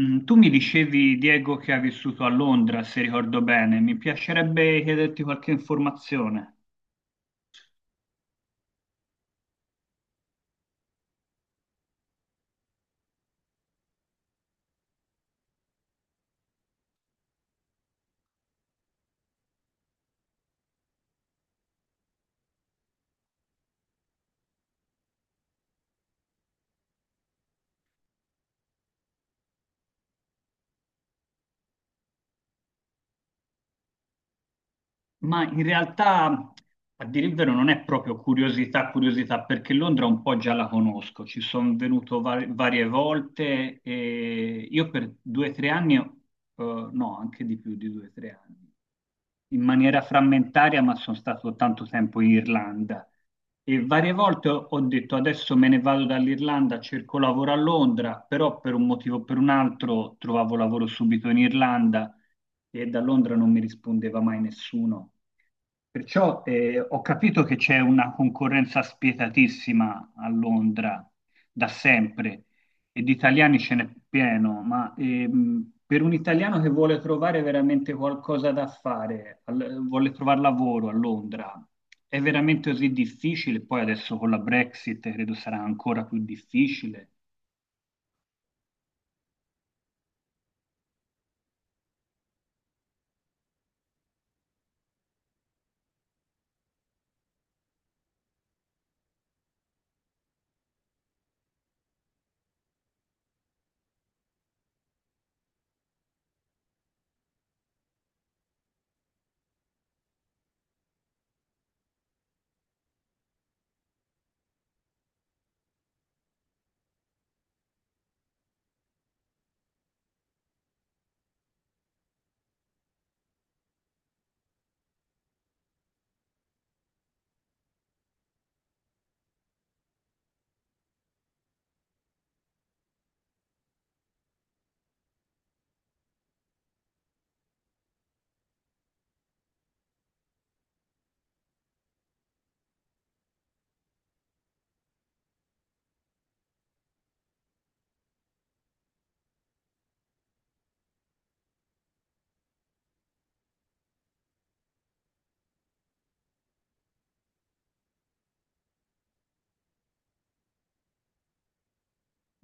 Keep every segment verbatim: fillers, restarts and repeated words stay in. Mm, tu mi dicevi, Diego, che hai vissuto a Londra, se ricordo bene. Mi piacerebbe chiederti qualche informazione, ma in realtà, a dire il vero, non è proprio curiosità, curiosità, perché Londra un po' già la conosco. Ci sono venuto var- varie volte e io per due o tre anni, eh, no, anche di più di due o tre anni, in maniera frammentaria, ma sono stato tanto tempo in Irlanda. E varie volte ho ho detto adesso me ne vado dall'Irlanda, cerco lavoro a Londra, però per un motivo o per un altro trovavo lavoro subito in Irlanda e da Londra non mi rispondeva mai nessuno. Perciò eh, ho capito che c'è una concorrenza spietatissima a Londra da sempre e di italiani ce n'è pieno, ma ehm, per un italiano che vuole trovare veramente qualcosa da fare, al- vuole trovare lavoro a Londra, è veramente così difficile? Poi adesso con la Brexit credo sarà ancora più difficile.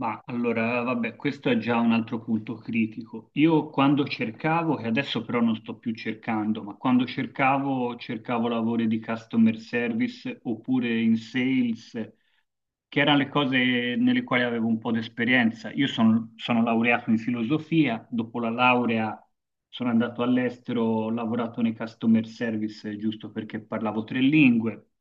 Ma allora, vabbè, questo è già un altro punto critico. Io quando cercavo, che adesso però non sto più cercando, ma quando cercavo, cercavo lavori di customer service oppure in sales, che erano le cose nelle quali avevo un po' di esperienza. Io sono, sono laureato in filosofia, dopo la laurea sono andato all'estero, ho lavorato nei customer service eh, giusto perché parlavo tre lingue,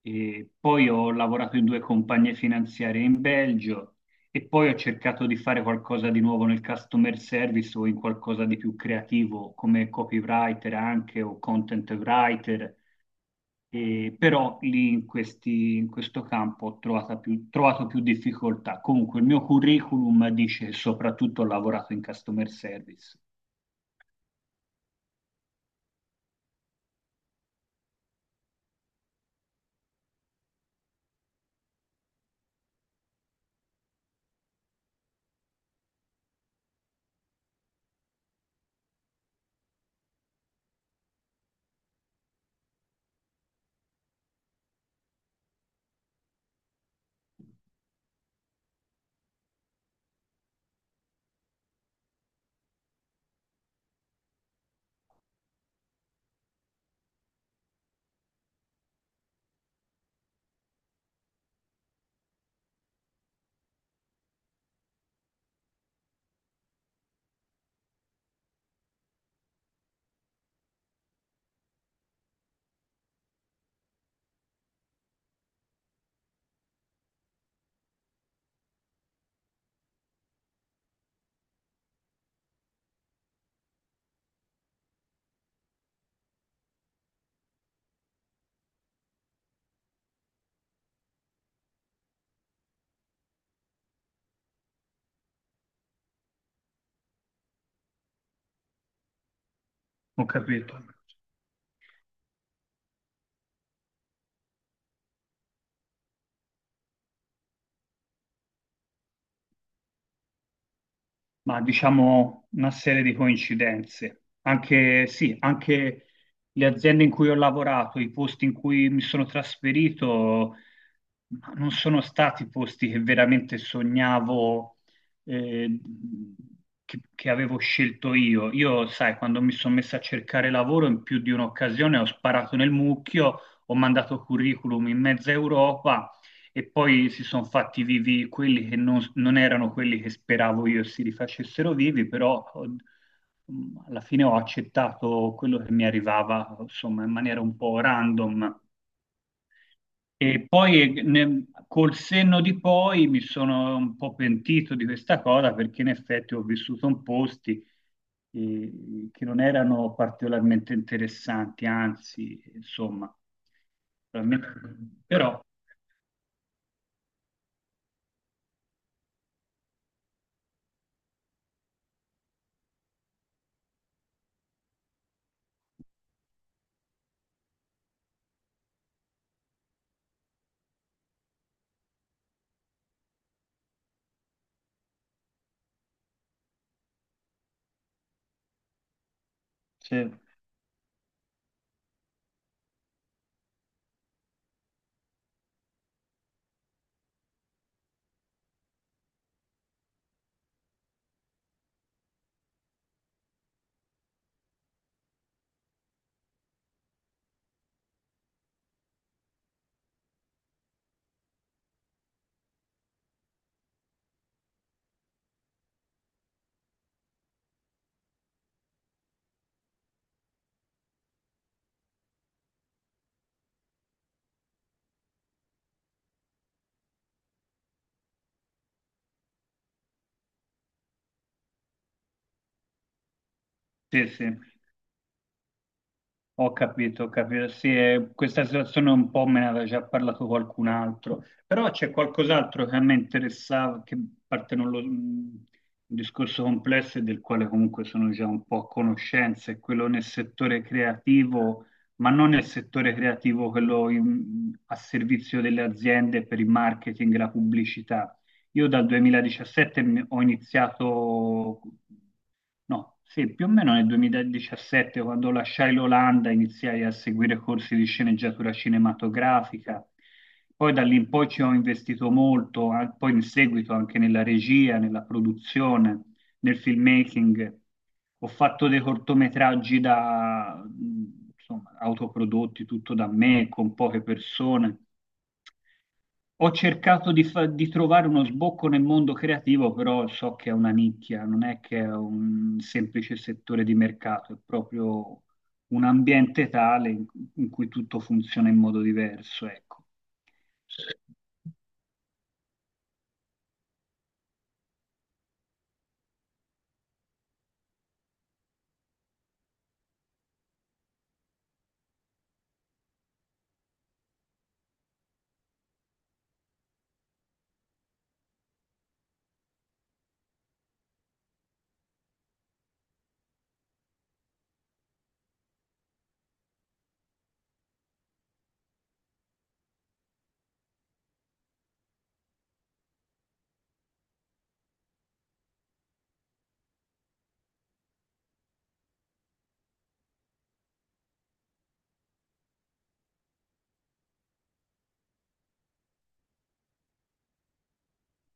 e poi ho lavorato in due compagnie finanziarie in Belgio. E poi ho cercato di fare qualcosa di nuovo nel customer service o in qualcosa di più creativo come copywriter anche o content writer, e però lì in questi- in questo campo ho trovata più- trovato più difficoltà. Comunque il mio curriculum dice soprattutto ho lavorato in customer service. Ho capito. Ma diciamo una serie di coincidenze. Anche, sì, anche le aziende in cui ho lavorato, i posti in cui mi sono trasferito, ma non sono stati posti che veramente sognavo, eh, che, che avevo scelto io. Io, sai, quando mi sono messo a cercare lavoro in più di un'occasione ho sparato nel mucchio, ho mandato curriculum in mezza Europa e poi si sono fatti vivi quelli che non, non erano quelli che speravo io si rifacessero vivi, però ho- mh, alla fine ho accettato quello che mi arrivava, insomma, in maniera un po' random. E poi eh, ne- col senno di poi mi sono un po' pentito di questa cosa perché in effetti ho vissuto in posti eh, che non erano particolarmente interessanti, anzi, insomma, veramente- però sì, sì, sì. Ho capito, ho capito. Sì, eh, questa situazione un po' me ne aveva già parlato qualcun altro, però c'è qualcos'altro che a me interessava, che parte non lo, un discorso complesso e del quale comunque sono già un po' a conoscenza, è quello nel settore creativo, ma non nel settore creativo, quello in- a servizio delle aziende per il marketing e la pubblicità. Io dal duemiladiciassette mi- ho iniziato No, sì, più o meno nel duemiladiciassette, quando lasciai l'Olanda, iniziai a seguire corsi di sceneggiatura cinematografica. Poi da lì in poi ci ho investito molto, a- poi in seguito anche nella regia, nella produzione nel filmmaking, ho fatto dei cortometraggi da, mh, insomma, autoprodotti, tutto da me, con poche persone. Ho cercato di, fa- di trovare uno sbocco nel mondo creativo, però so che è una nicchia, non è che è un semplice settore di mercato, è proprio un ambiente tale in, in cui tutto funziona in modo diverso, ecco.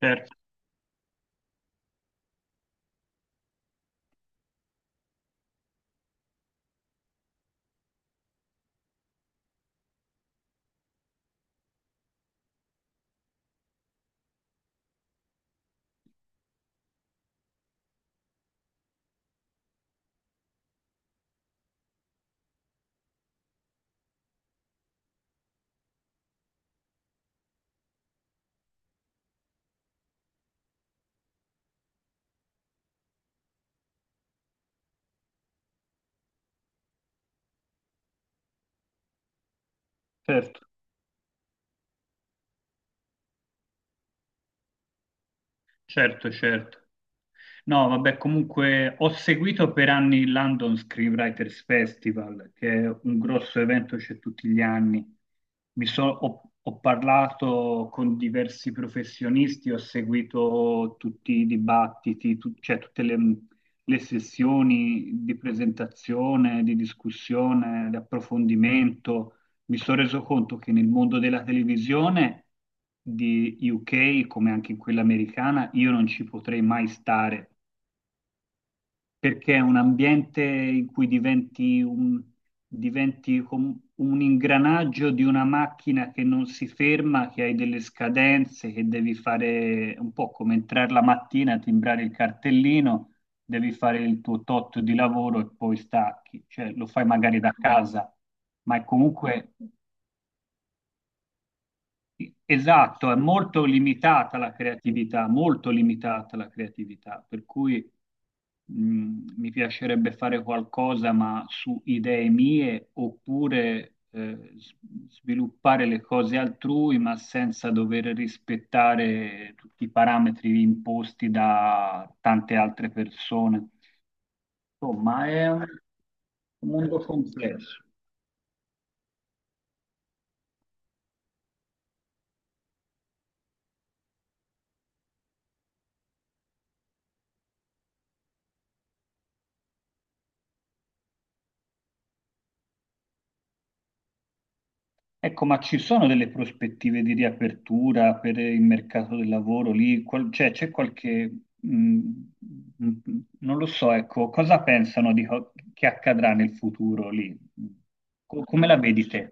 Certo. Certo. Certo, certo. No, vabbè, comunque ho seguito per anni il London Screenwriters Festival, che è un grosso evento, c'è tutti gli anni. Mi so- ho, ho parlato con diversi professionisti, ho seguito tutti i dibattiti, tu- cioè tutte le, le sessioni di presentazione, di discussione, di approfondimento. Mi sono reso conto che nel mondo della televisione di U K, come anche in quella americana, io non ci potrei mai stare, perché è un ambiente in cui diventi un, diventi com- un ingranaggio di una macchina che non si ferma, che hai delle scadenze, che devi fare un po' come entrare la mattina, timbrare il cartellino, devi fare il tuo tot di lavoro e poi stacchi, cioè lo fai magari da casa ma è comunque esatto, è molto limitata la creatività, molto limitata la creatività, per cui mh, mi piacerebbe fare qualcosa ma su idee mie oppure eh, s- sviluppare le cose altrui ma senza dover rispettare tutti i parametri imposti da tante altre persone. Insomma, è un un mondo complesso. Ecco, ma ci sono delle prospettive di riapertura per il mercato del lavoro lì? Qual- cioè, c'è qualche... mh, mh, non lo so, ecco, cosa pensano di co- che accadrà nel futuro lì? Co- come la vedi te?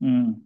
Mm,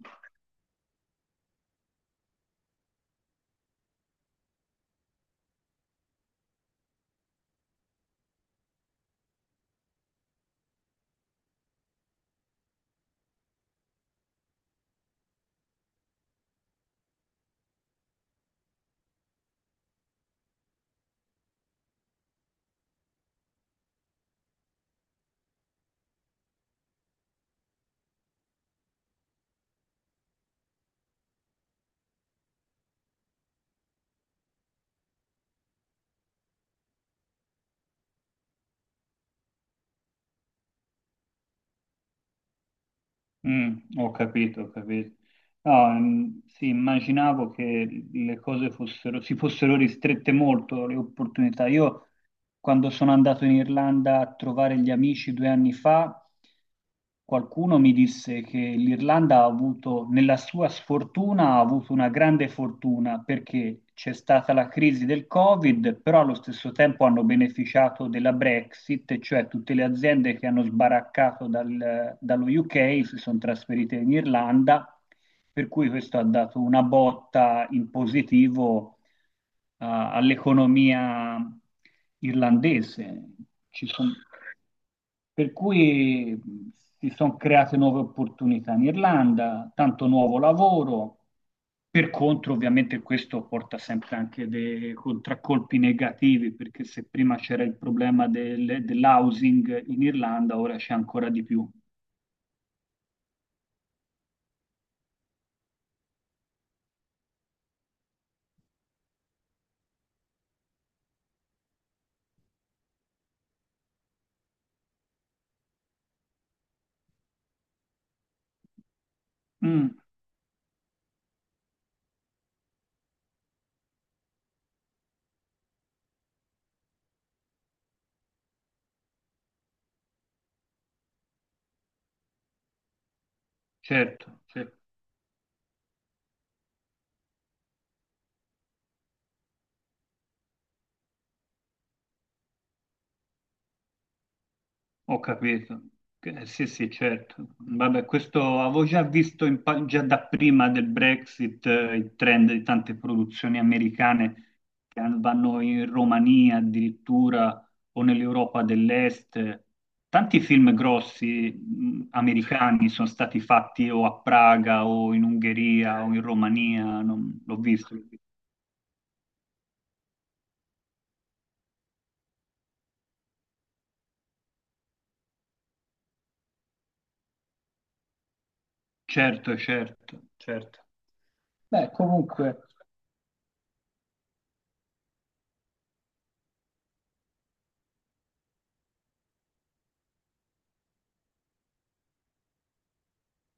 mm, ho capito, ho capito. No, mm, sì, immaginavo che le cose fossero, si fossero ristrette molto, le opportunità. Io quando sono andato in Irlanda a trovare gli amici due anni fa, qualcuno mi disse che l'Irlanda ha avuto, nella sua sfortuna, ha avuto una grande fortuna perché c'è stata la crisi del Covid, però allo stesso tempo hanno beneficiato della Brexit, e cioè tutte le aziende che hanno sbaraccato dal- dallo U K si sono trasferite in Irlanda, per cui questo ha dato una botta in positivo a- all'economia irlandese, ci son- per cui si sono create nuove opportunità in Irlanda, tanto nuovo lavoro. Per contro, ovviamente, questo porta sempre anche dei contraccolpi negativi, perché se prima c'era il problema del- dell'housing in Irlanda, ora c'è ancora di più. Mm, certo, certo. Ho capito. Eh, Sì, sì, certo. Vabbè, questo avevo già visto in pa- già da prima del Brexit, eh, il trend di tante produzioni americane che an- vanno in Romania addirittura o nell'Europa dell'Est. Tanti film grossi, mh, americani sono stati fatti o a Praga o in Ungheria o in Romania, non- l'ho visto. Certo, certo, certo. Beh, comunque.